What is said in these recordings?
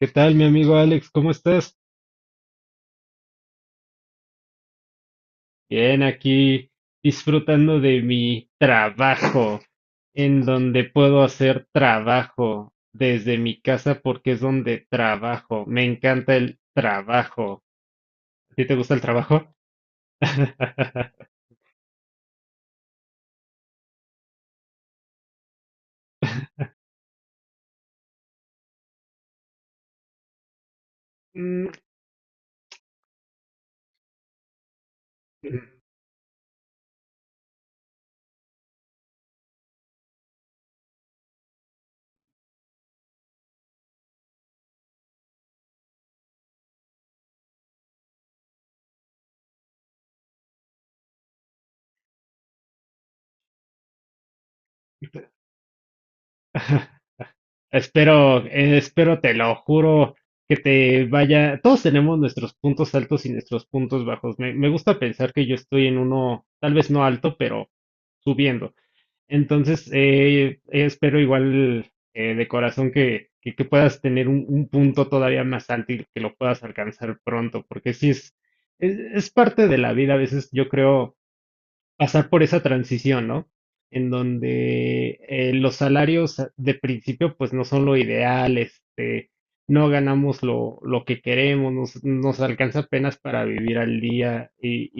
¿Qué tal, mi amigo Alex? ¿Cómo estás? Bien, aquí disfrutando de mi trabajo, en donde puedo hacer trabajo desde mi casa porque es donde trabajo. Me encanta el trabajo. ¿A ti te gusta el trabajo? Mm. Espero, te lo juro, que te vaya. Todos tenemos nuestros puntos altos y nuestros puntos bajos. Me gusta pensar que yo estoy en uno, tal vez no alto, pero subiendo. Entonces, espero igual de corazón que puedas tener un punto todavía más alto y que lo puedas alcanzar pronto, porque sí es parte de la vida. A veces yo creo pasar por esa transición, ¿no? En donde los salarios de principio pues no son lo ideal, no ganamos lo que queremos, nos alcanza apenas para vivir al día y,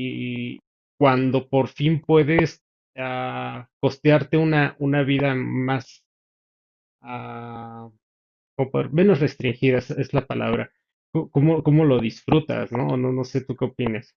y cuando por fin puedes costearte una vida más, ah, como menos restringida, es la palabra. ¿Cómo lo disfrutas, no? No, no sé tú qué opinas.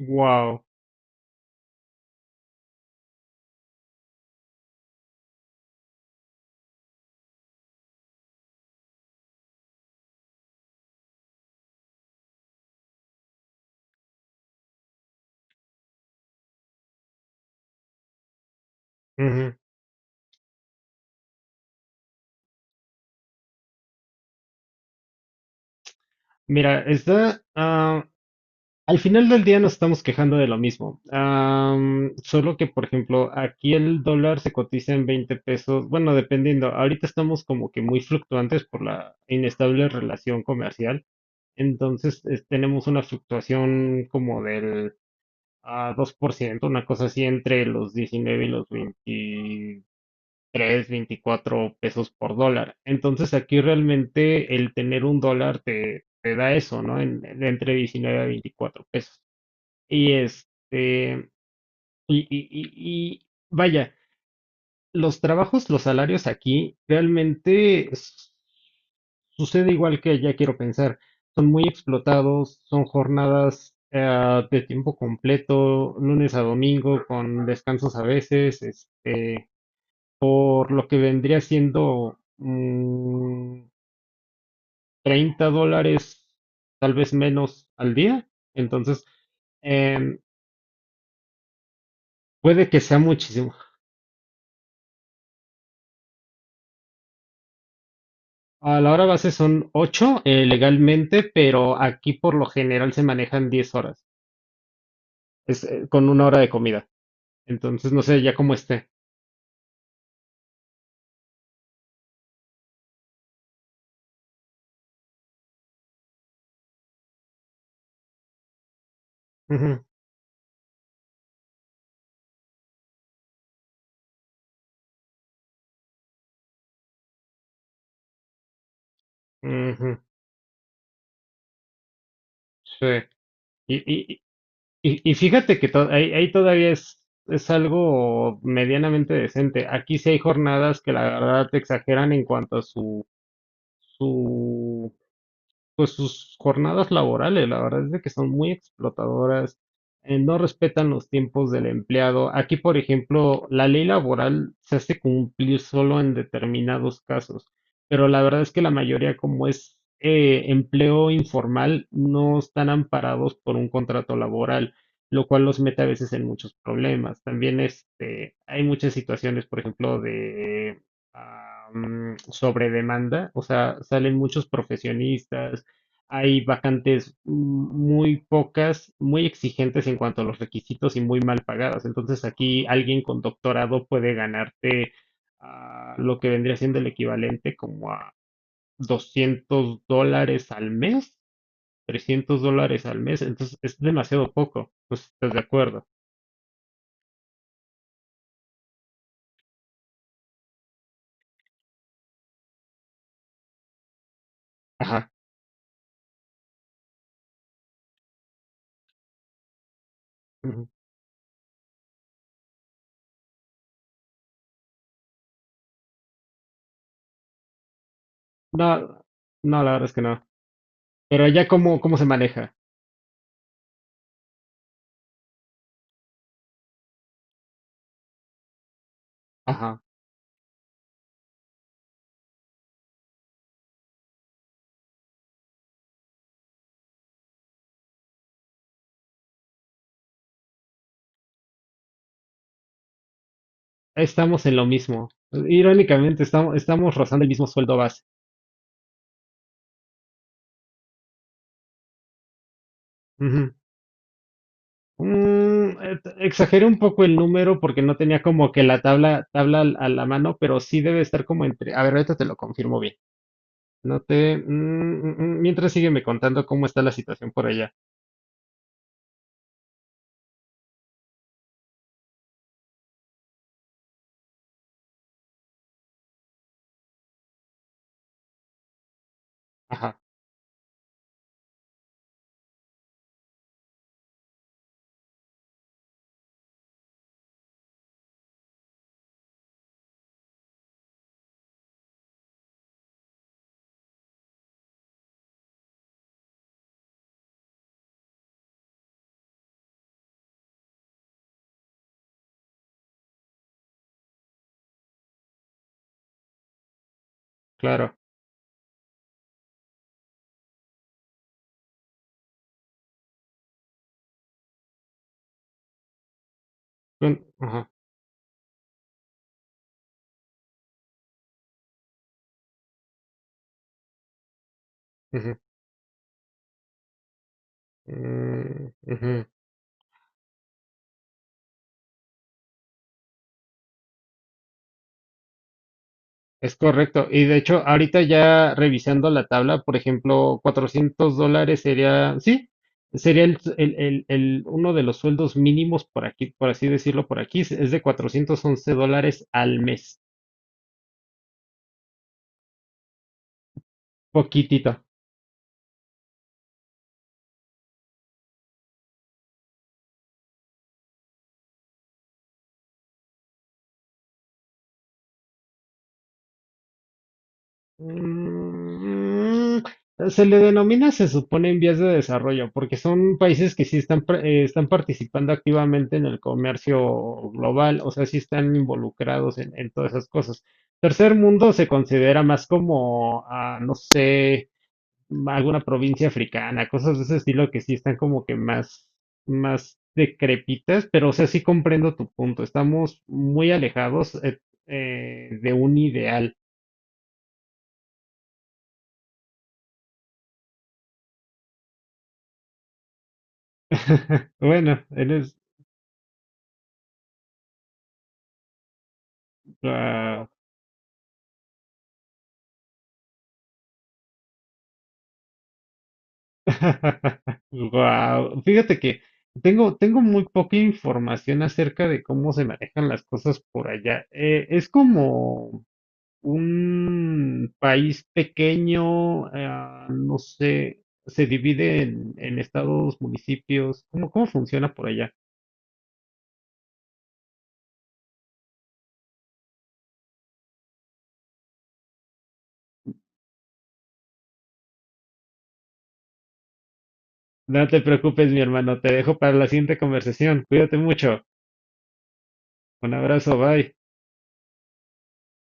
Wow. Mira, está, al final del día nos estamos quejando de lo mismo. Solo que, por ejemplo, aquí el dólar se cotiza en 20 pesos. Bueno, dependiendo. Ahorita estamos como que muy fluctuantes por la inestable relación comercial. Entonces, tenemos una fluctuación como del 2%, una cosa así entre los 19 y los 20, tres veinticuatro pesos por dólar. Entonces aquí realmente el tener un dólar te da eso, ¿no? Entre 19 a 24 pesos. Y y vaya, los trabajos, los salarios aquí realmente sucede igual que ya quiero pensar. Son muy explotados, son jornadas de tiempo completo, lunes a domingo, con descansos a veces, por lo que vendría siendo $30, tal vez menos al día. Entonces, em, puede que sea muchísimo. A la hora base son 8 legalmente, pero aquí por lo general se manejan 10 horas, con una hora de comida. Entonces, no sé, ya cómo esté. Ujú, ujú, sí. Y, y fíjate que ahí todavía es algo medianamente decente. Aquí sí hay jornadas que la verdad te exageran en cuanto a su pues sus jornadas laborales. La verdad es de que son muy explotadoras, no respetan los tiempos del empleado. Aquí, por ejemplo, la ley laboral se hace cumplir solo en determinados casos, pero la verdad es que la mayoría, como es empleo informal, no están amparados por un contrato laboral. Lo cual los mete a veces en muchos problemas. También hay muchas situaciones, por ejemplo, de sobre demanda, o sea, salen muchos profesionistas, hay vacantes muy pocas, muy exigentes en cuanto a los requisitos y muy mal pagadas. Entonces aquí alguien con doctorado puede ganarte lo que vendría siendo el equivalente como a $200 al mes, $300 al mes. Entonces es demasiado poco. Pues estás de acuerdo. Ajá. Ujú. No, no, la verdad es que no. Pero ¿allá cómo se maneja? Ajá. Estamos en lo mismo. Irónicamente, estamos rozando el mismo sueldo base. Exageré un poco el número porque no tenía como que la tabla a la mano, pero sí debe estar como entre. A ver, ahorita te lo confirmo bien. No te. Mientras sígueme contando cómo está la situación por allá. Ajá, claro. Ajá, ujú, mm, ujú. Es correcto. Y de hecho, ahorita ya revisando la tabla, por ejemplo, $400 sería, sí, sería uno de los sueldos mínimos por aquí, por así decirlo, por aquí, es de $411 al mes. Poquitito. Se le denomina, se supone, en vías de desarrollo, porque son países que sí están, están participando activamente en el comercio global, o sea, sí están involucrados en todas esas cosas. Tercer mundo se considera más como, no sé, alguna provincia africana, cosas de ese estilo que sí están como que más decrépitas, pero o sea, sí comprendo tu punto, estamos muy alejados, de un ideal. Bueno, eres wow. Wow. Fíjate que tengo muy poca información acerca de cómo se manejan las cosas por allá. Es como un país pequeño, no sé, se divide en estados, municipios. ¿Cómo funciona por allá? No te preocupes, mi hermano, te dejo para la siguiente conversación. Cuídate mucho. Un abrazo, bye.